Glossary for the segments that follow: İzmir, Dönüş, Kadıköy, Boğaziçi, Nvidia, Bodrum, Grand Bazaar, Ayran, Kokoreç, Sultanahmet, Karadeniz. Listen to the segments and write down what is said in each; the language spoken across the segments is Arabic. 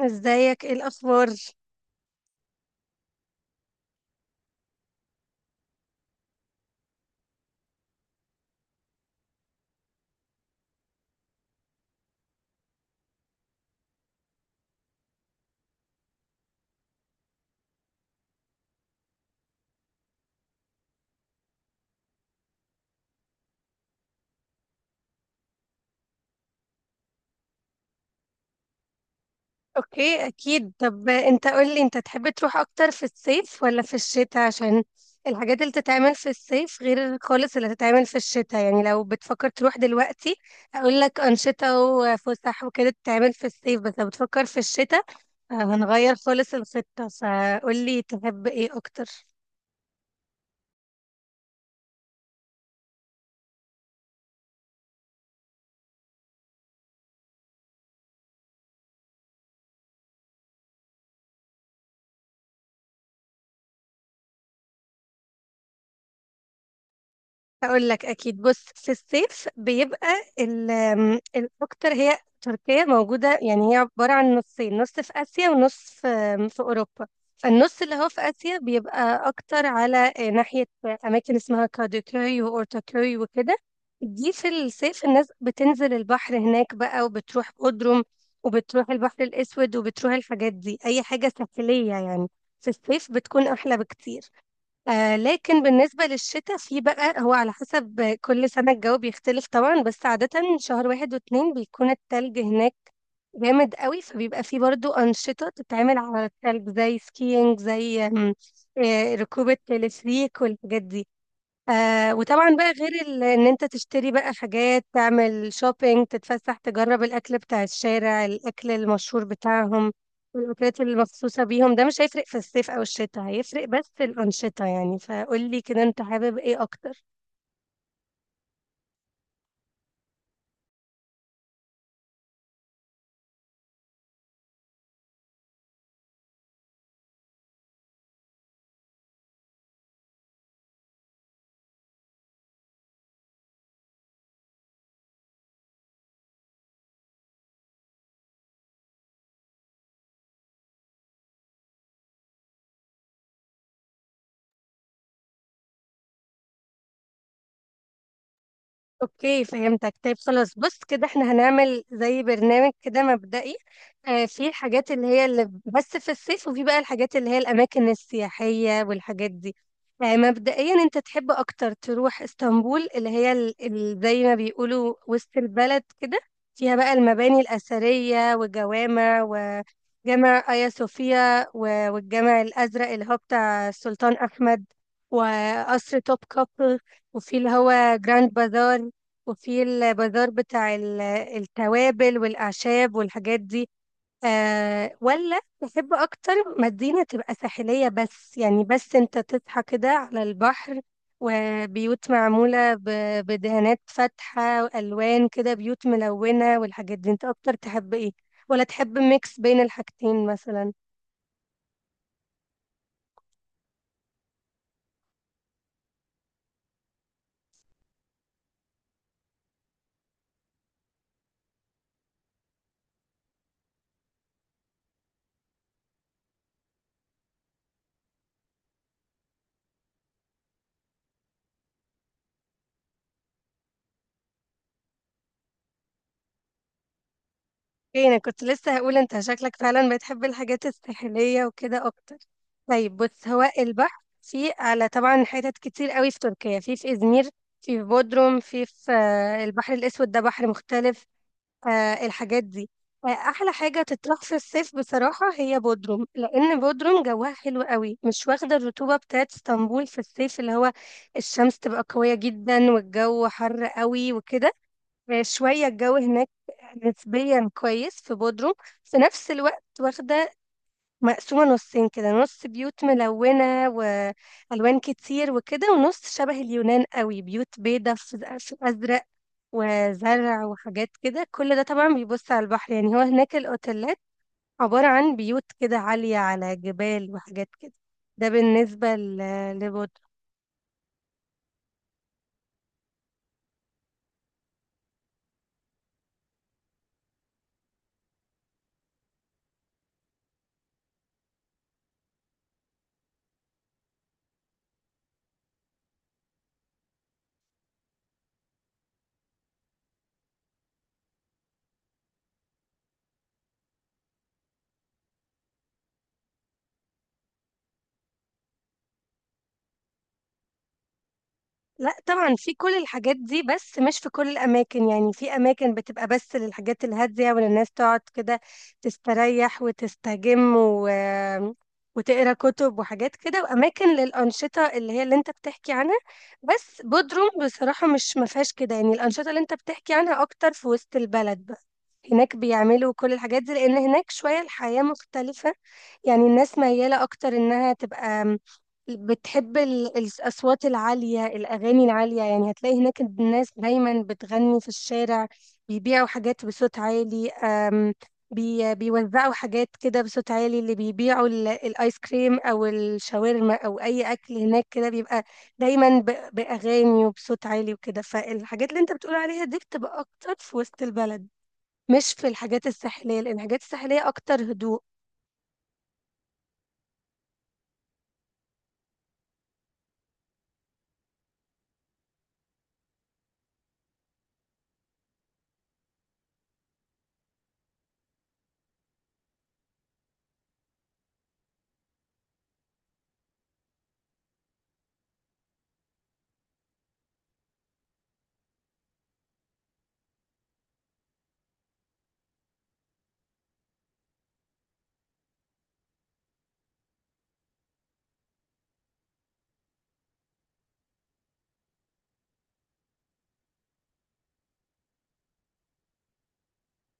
ازيك؟ ايه الاخبار؟ اوكي، اكيد. طب انت قول لي، انت تحب تروح اكتر في الصيف ولا في الشتاء؟ عشان الحاجات اللي تتعمل في الصيف غير خالص اللي تتعمل في الشتاء. يعني لو بتفكر تروح دلوقتي اقول لك انشطة وفسح وكده تتعمل في الصيف، بس لو بتفكر في الشتاء هنغير خالص الخطة. فقول لي تحب ايه اكتر؟ هقول لك اكيد. بص، في الصيف بيبقى ال- آم، الاكتر هي تركيا موجوده. يعني هي عباره عن نصين، نص في اسيا ونص في في اوروبا. فالنص اللي هو في اسيا بيبقى اكتر على ناحيه اماكن اسمها كادوكوي واورتاكوي وكده. دي في الصيف الناس بتنزل البحر هناك بقى، وبتروح بودروم، وبتروح البحر الاسود، وبتروح الحاجات دي، اي حاجه ساحليه يعني في الصيف بتكون احلى بكتير. لكن بالنسبة للشتاء، في بقى هو على حسب كل سنة الجو بيختلف طبعا، بس عادة شهر واحد واتنين بيكون التلج هناك جامد قوي، فبيبقى فيه برضو أنشطة تتعمل على التلج زي سكينج، زي آم، آه، ركوب التلفريك والحاجات دي. وطبعا بقى، غير ان انت تشتري بقى حاجات، تعمل شوبينج، تتفسح، تجرب الاكل بتاع الشارع، الاكل المشهور بتاعهم والاكلات المخصوصة بيهم. ده مش هيفرق في الصيف او الشتاء، هيفرق بس الانشطة يعني. فقولي كده، انت حابب ايه اكتر؟ اوكي فهمتك. طيب خلاص، بص كده، احنا هنعمل زي برنامج كده مبدئي. في الحاجات اللي هي اللي بس في الصيف، وفي بقى الحاجات اللي هي الاماكن السياحية والحاجات دي. مبدئيا، انت تحب اكتر تروح اسطنبول، اللي هي زي ما بيقولوا وسط البلد كده، فيها بقى المباني الأثرية وجوامع، وجامع آيا صوفيا والجامع الأزرق اللي هو بتاع السلطان أحمد، وقصر توب كابل، وفي اللي هو جراند بازار، وفي البازار بتاع التوابل والأعشاب والحاجات دي. ولا تحب أكتر مدينة تبقى ساحلية بس، يعني بس أنت تصحى كده على البحر، وبيوت معمولة بدهانات فاتحة وألوان كده، بيوت ملونة والحاجات دي؟ أنت أكتر تحب إيه؟ ولا تحب ميكس بين الحاجتين مثلا؟ اوكي، انا كنت لسه هقول انت شكلك فعلا بتحب الحاجات الساحليه وكده اكتر. طيب بص، هو البحر في على طبعا حتت كتير قوي في تركيا، في ازمير، في بودروم، في في آه، البحر الاسود ده بحر مختلف، الحاجات دي. احلى حاجه تطرح في الصيف بصراحه هي بودروم، لان بودروم جواها حلو قوي، مش واخده الرطوبه بتاعت اسطنبول في الصيف، اللي هو الشمس تبقى قويه جدا والجو حر قوي وكده. شوية الجو هناك نسبيا كويس في بودروم. في نفس الوقت واخدة، مقسومة نصين كده، نص بيوت ملونة وألوان كتير وكده، ونص شبه اليونان قوي، بيوت بيضة في أزرق وزرع وحاجات كده. كل ده طبعا بيبص على البحر يعني، هو هناك الأوتيلات عبارة عن بيوت كده عالية على جبال وحاجات كده. ده بالنسبة لبودروم. لا طبعا، في كل الحاجات دي بس مش في كل الأماكن. يعني في أماكن بتبقى بس للحاجات الهادية والناس تقعد كده تستريح وتستجم وتقرا كتب وحاجات كده، وأماكن للأنشطة اللي هي اللي أنت بتحكي عنها. بس بودروم بصراحة مش مفيهاش كده يعني، الأنشطة اللي أنت بتحكي عنها أكتر في وسط البلد. هناك بيعملوا كل الحاجات دي، لأن هناك شوية الحياة مختلفة. يعني الناس ميالة أكتر إنها تبقى بتحب الأصوات العالية، الأغاني العالية. يعني هتلاقي هناك الناس دايما بتغني في الشارع، بيبيعوا حاجات بصوت عالي، أم، بي بيوزعوا حاجات كده بصوت عالي. اللي بيبيعوا الآيس كريم أو الشاورما أو أي أكل هناك كده بيبقى دايما بأغاني وبصوت عالي وكده. فالحاجات اللي أنت بتقول عليها دي بتبقى أكتر في وسط البلد، مش في الحاجات الساحلية، لأن الحاجات الساحلية أكتر هدوء.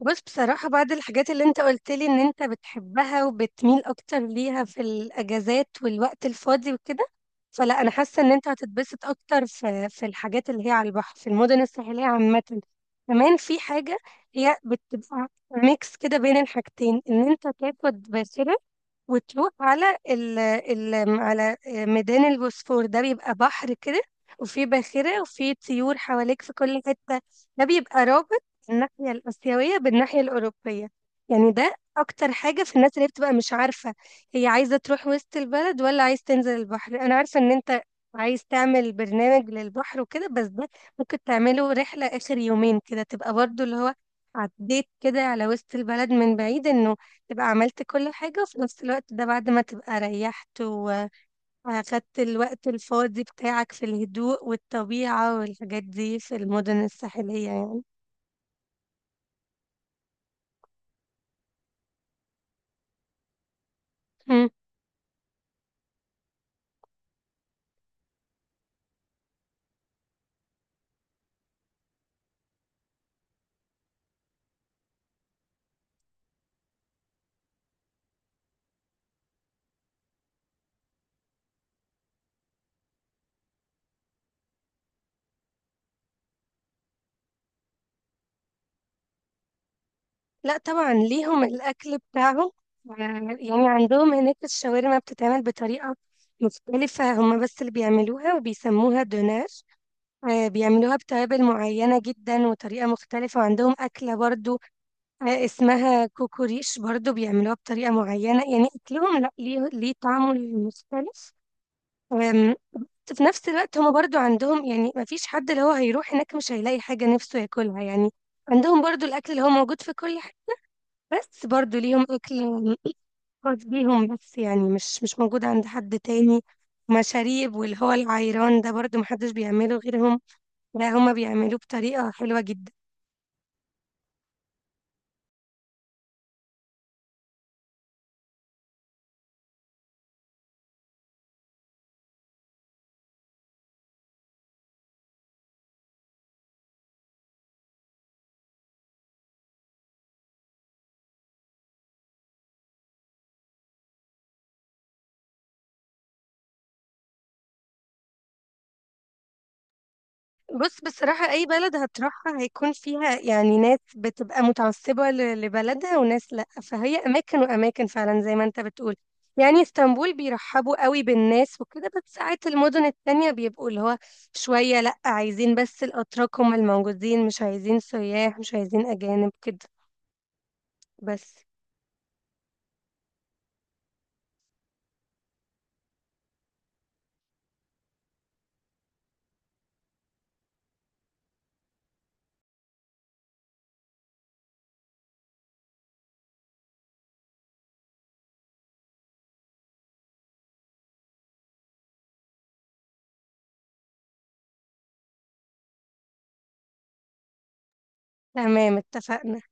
بس بصراحة بعد الحاجات اللي أنت قلت لي إن أنت بتحبها وبتميل أكتر ليها في الأجازات والوقت الفاضي وكده، فلا أنا حاسة إن أنت هتتبسط أكتر في الحاجات اللي هي على البحر في المدن الساحلية عامة. كمان في حاجة هي بتبقى ميكس كده بين الحاجتين، إن أنت تاخد باخرة وتروح على ال ال على ميدان البوسفور، ده بيبقى بحر كده، وفي باخرة وفي طيور حواليك في كل حتة. ده بيبقى رابط الناحية الآسيوية بالناحية الأوروبية. يعني ده أكتر حاجة في الناس اللي بتبقى مش عارفة هي عايزة تروح وسط البلد ولا عايز تنزل البحر. أنا عارفة إن أنت عايز تعمل برنامج للبحر وكده، بس ده ممكن تعمله رحلة آخر يومين كده، تبقى برضو اللي هو عديت كده على وسط البلد من بعيد، إنه تبقى عملت كل حاجة، وفي نفس الوقت ده بعد ما تبقى ريحت وأخدت الوقت الفاضي بتاعك في الهدوء والطبيعة والحاجات دي في المدن الساحلية يعني. مم. لا طبعا، ليهم الأكل بتاعهم. آه، يعني عندهم هناك الشاورما بتتعمل بطريقة مختلفة، هما بس اللي بيعملوها وبيسموها دوناش. بيعملوها بتوابل معينة جدا وطريقة مختلفة. وعندهم أكلة برضو اسمها كوكو ريش، برضو بيعملوها بطريقة معينة. يعني أكلهم، لا، ليه طعمه مختلف. آم، في نفس الوقت هما برضو عندهم، يعني ما فيش حد اللي هو هيروح هناك مش هيلاقي حاجة نفسه ياكلها يعني. عندهم برضو الأكل اللي هو موجود في كل حاجة، بس برضو ليهم أكل خاص بيهم بس، يعني مش موجود عند حد تاني. مشاريب، واللي هو العيران ده برضو محدش بيعمله غيرهم، لا هما بيعملوه بطريقة حلوة جدا. بص بصراحة، أي بلد هتروحها هيكون فيها يعني ناس بتبقى متعصبة لبلدها وناس لأ. فهي أماكن وأماكن فعلا زي ما أنت بتقول. يعني اسطنبول بيرحبوا قوي بالناس وكده، بس ساعات المدن التانية بيبقوا اللي هو شوية لأ، عايزين بس الأتراك هم الموجودين، مش عايزين سياح، مش عايزين أجانب كده، بس. تمام، اتفقنا.